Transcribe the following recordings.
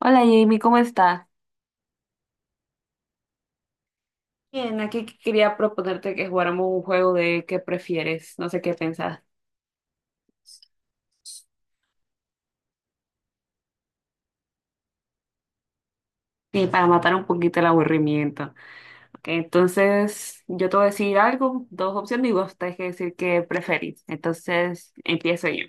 Hola Jamie, ¿cómo estás? Bien, aquí quería proponerte que jugáramos un juego de qué prefieres, no sé qué pensás. Sí, para matar un poquito el aburrimiento. Ok, entonces, yo te voy a decir algo, dos opciones y vos tenés que decir qué preferís. Entonces, empiezo yo.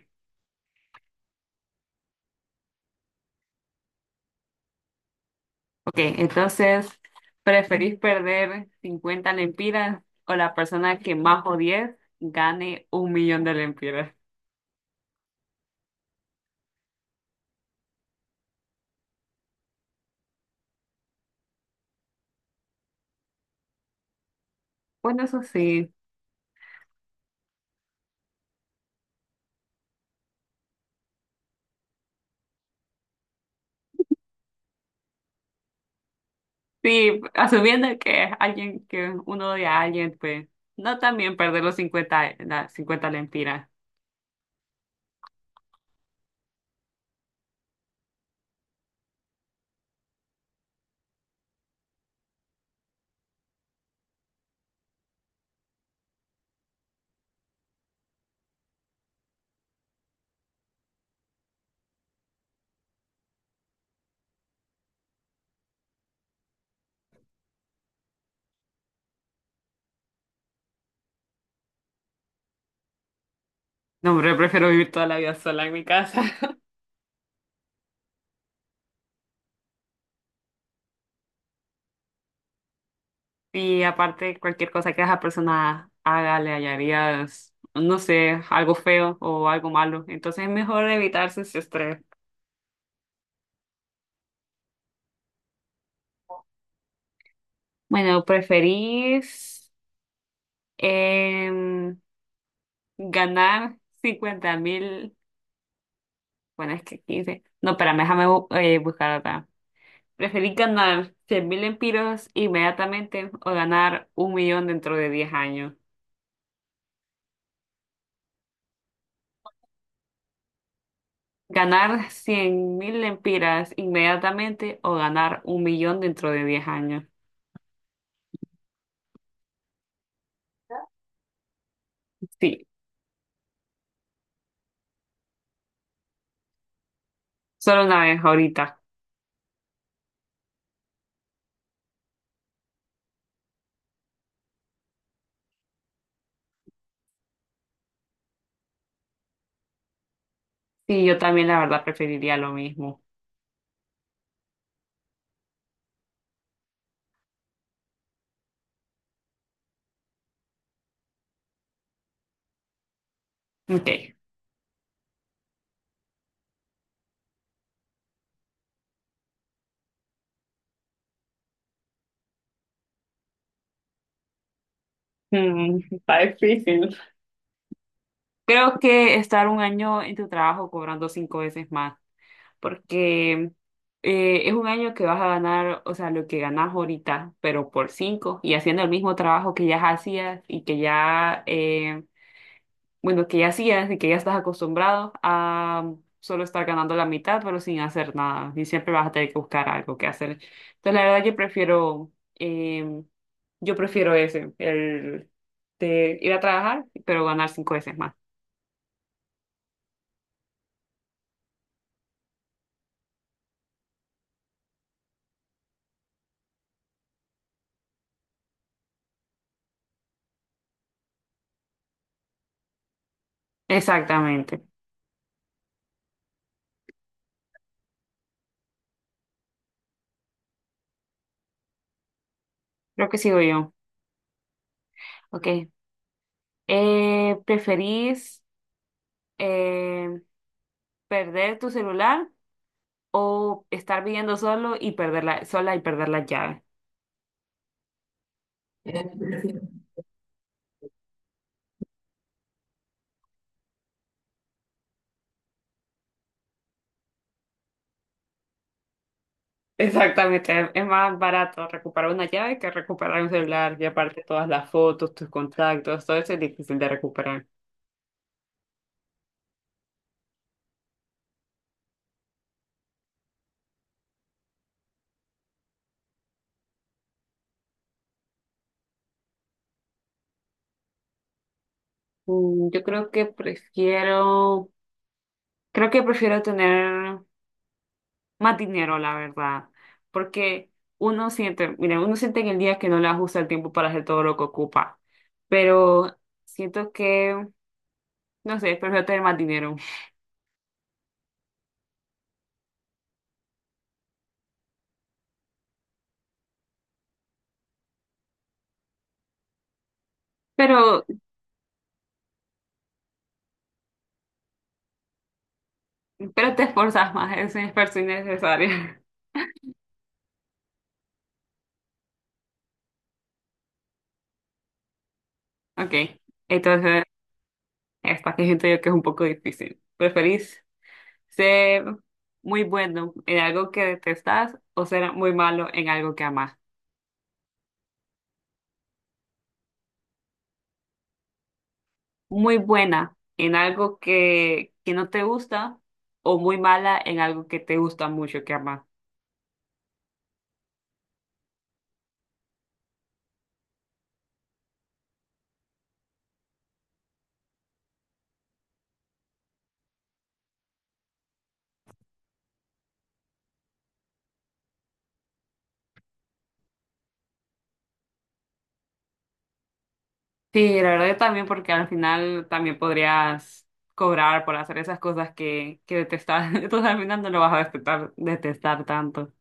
Ok, entonces, ¿preferís perder 50 lempiras o la persona que más odies gane 1 millón de lempiras? Bueno, eso sí. Sí, asumiendo que es alguien, que uno odia a alguien, pues no, también perder los 50, las 50 lempiras. No, hombre, prefiero vivir toda la vida sola en mi casa. Y aparte, cualquier cosa que esa persona haga, le hallarías, no sé, algo feo o algo malo. Entonces es mejor evitarse ese estrés. Bueno, ¿preferís em, ganar 50 mil? Bueno, es que 15. No, espérame, déjame buscar acá. ¿Preferís ganar 100 mil empiras inmediatamente o ganar 1 millón dentro de 10 años? ¿Ganar 100 mil empiras inmediatamente o ganar un millón dentro de 10 años? Sí, solo una vez ahorita. Sí, yo también la verdad preferiría lo mismo. Ok. Mm, está difícil. Creo que estar 1 año en tu trabajo cobrando 5 veces más, porque es 1 año que vas a ganar, o sea, lo que ganas ahorita, pero por 5 y haciendo el mismo trabajo que ya hacías y que ya, bueno, que ya hacías y que ya estás acostumbrado a solo estar ganando la mitad, pero sin hacer nada y siempre vas a tener que buscar algo que hacer. Entonces, la verdad, yo prefiero, em, yo prefiero ese, el de ir a trabajar, pero ganar 5 veces más. Exactamente. Creo que sigo yo. Ok. ¿Preferís eh, perder tu celular o estar viviendo solo y perderla, sola, y perder la llave? Exactamente, es más barato recuperar una llave que recuperar un celular y aparte todas las fotos, tus contactos, todo eso es difícil de recuperar. Mm, yo creo que prefiero tener más dinero, la verdad, porque uno siente, mira, uno siente en el día que no le ajusta el tiempo para hacer todo lo que ocupa, pero siento que, no sé, prefiero tener más dinero. Pero, pero te esforzas más, es un esfuerzo innecesario. Ok, entonces esta que siento yo que es un poco difícil. ¿Preferís ser muy bueno en algo que detestas o ser muy malo en algo que amas? Muy buena en algo que no te gusta, o muy mala en algo que te gusta mucho, que amas. Sí, la verdad yo también, porque al final también podrías cobrar por hacer esas cosas que detestas. Entonces al final no lo vas a detestar, detestar tanto.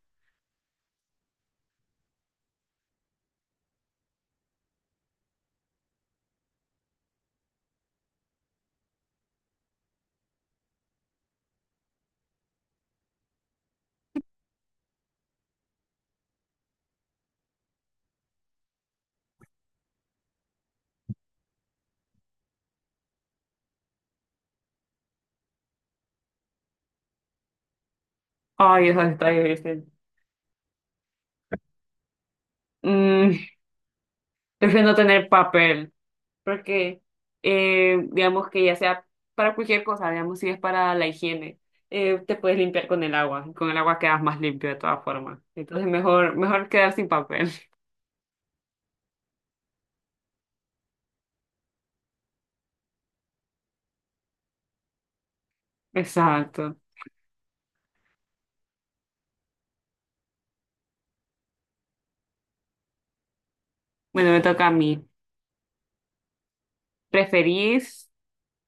Ay, eso está difícil. Mm, prefiero no tener papel, porque digamos que ya sea para cualquier cosa, digamos si es para la higiene, te puedes limpiar con el agua, y con el agua quedas más limpio de todas formas. Entonces mejor, mejor quedar sin papel. Exacto. Bueno, me toca a mí. ¿Preferís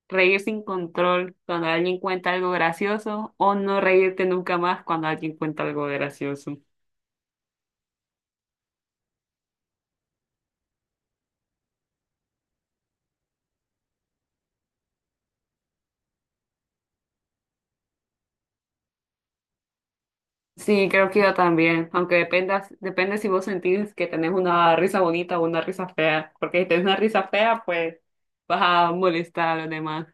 reír sin control cuando alguien cuenta algo gracioso o no reírte nunca más cuando alguien cuenta algo gracioso? Sí, creo que yo también, aunque dependa, depende si vos sentís que tenés una risa bonita o una risa fea, porque si tenés una risa fea, pues vas a molestar a los demás.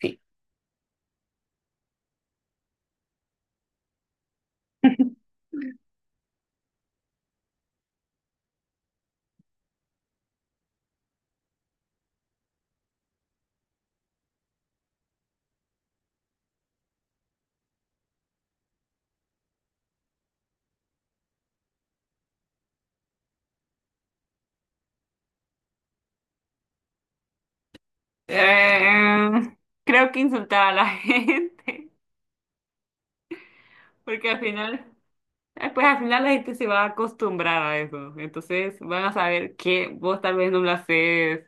Sí. Eh, creo que insultar a la gente, porque al final, pues al final la gente se va a acostumbrar a eso, entonces van a saber que vos tal vez no lo haces,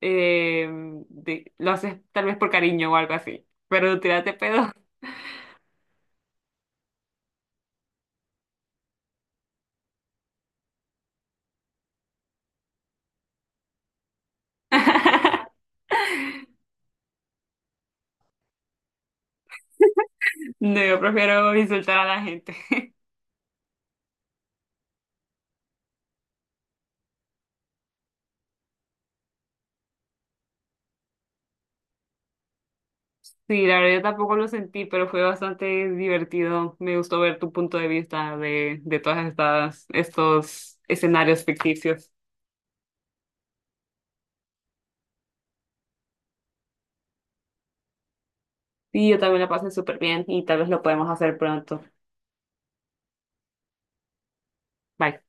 eh, lo haces tal vez por cariño o algo así, pero tirate pedo. No, yo prefiero insultar a la gente. Sí, la verdad yo tampoco lo sentí, pero fue bastante divertido. Me gustó ver tu punto de vista de todas estas, estos escenarios ficticios. Sí, yo también la pasé súper bien y tal vez lo podemos hacer pronto. Bye.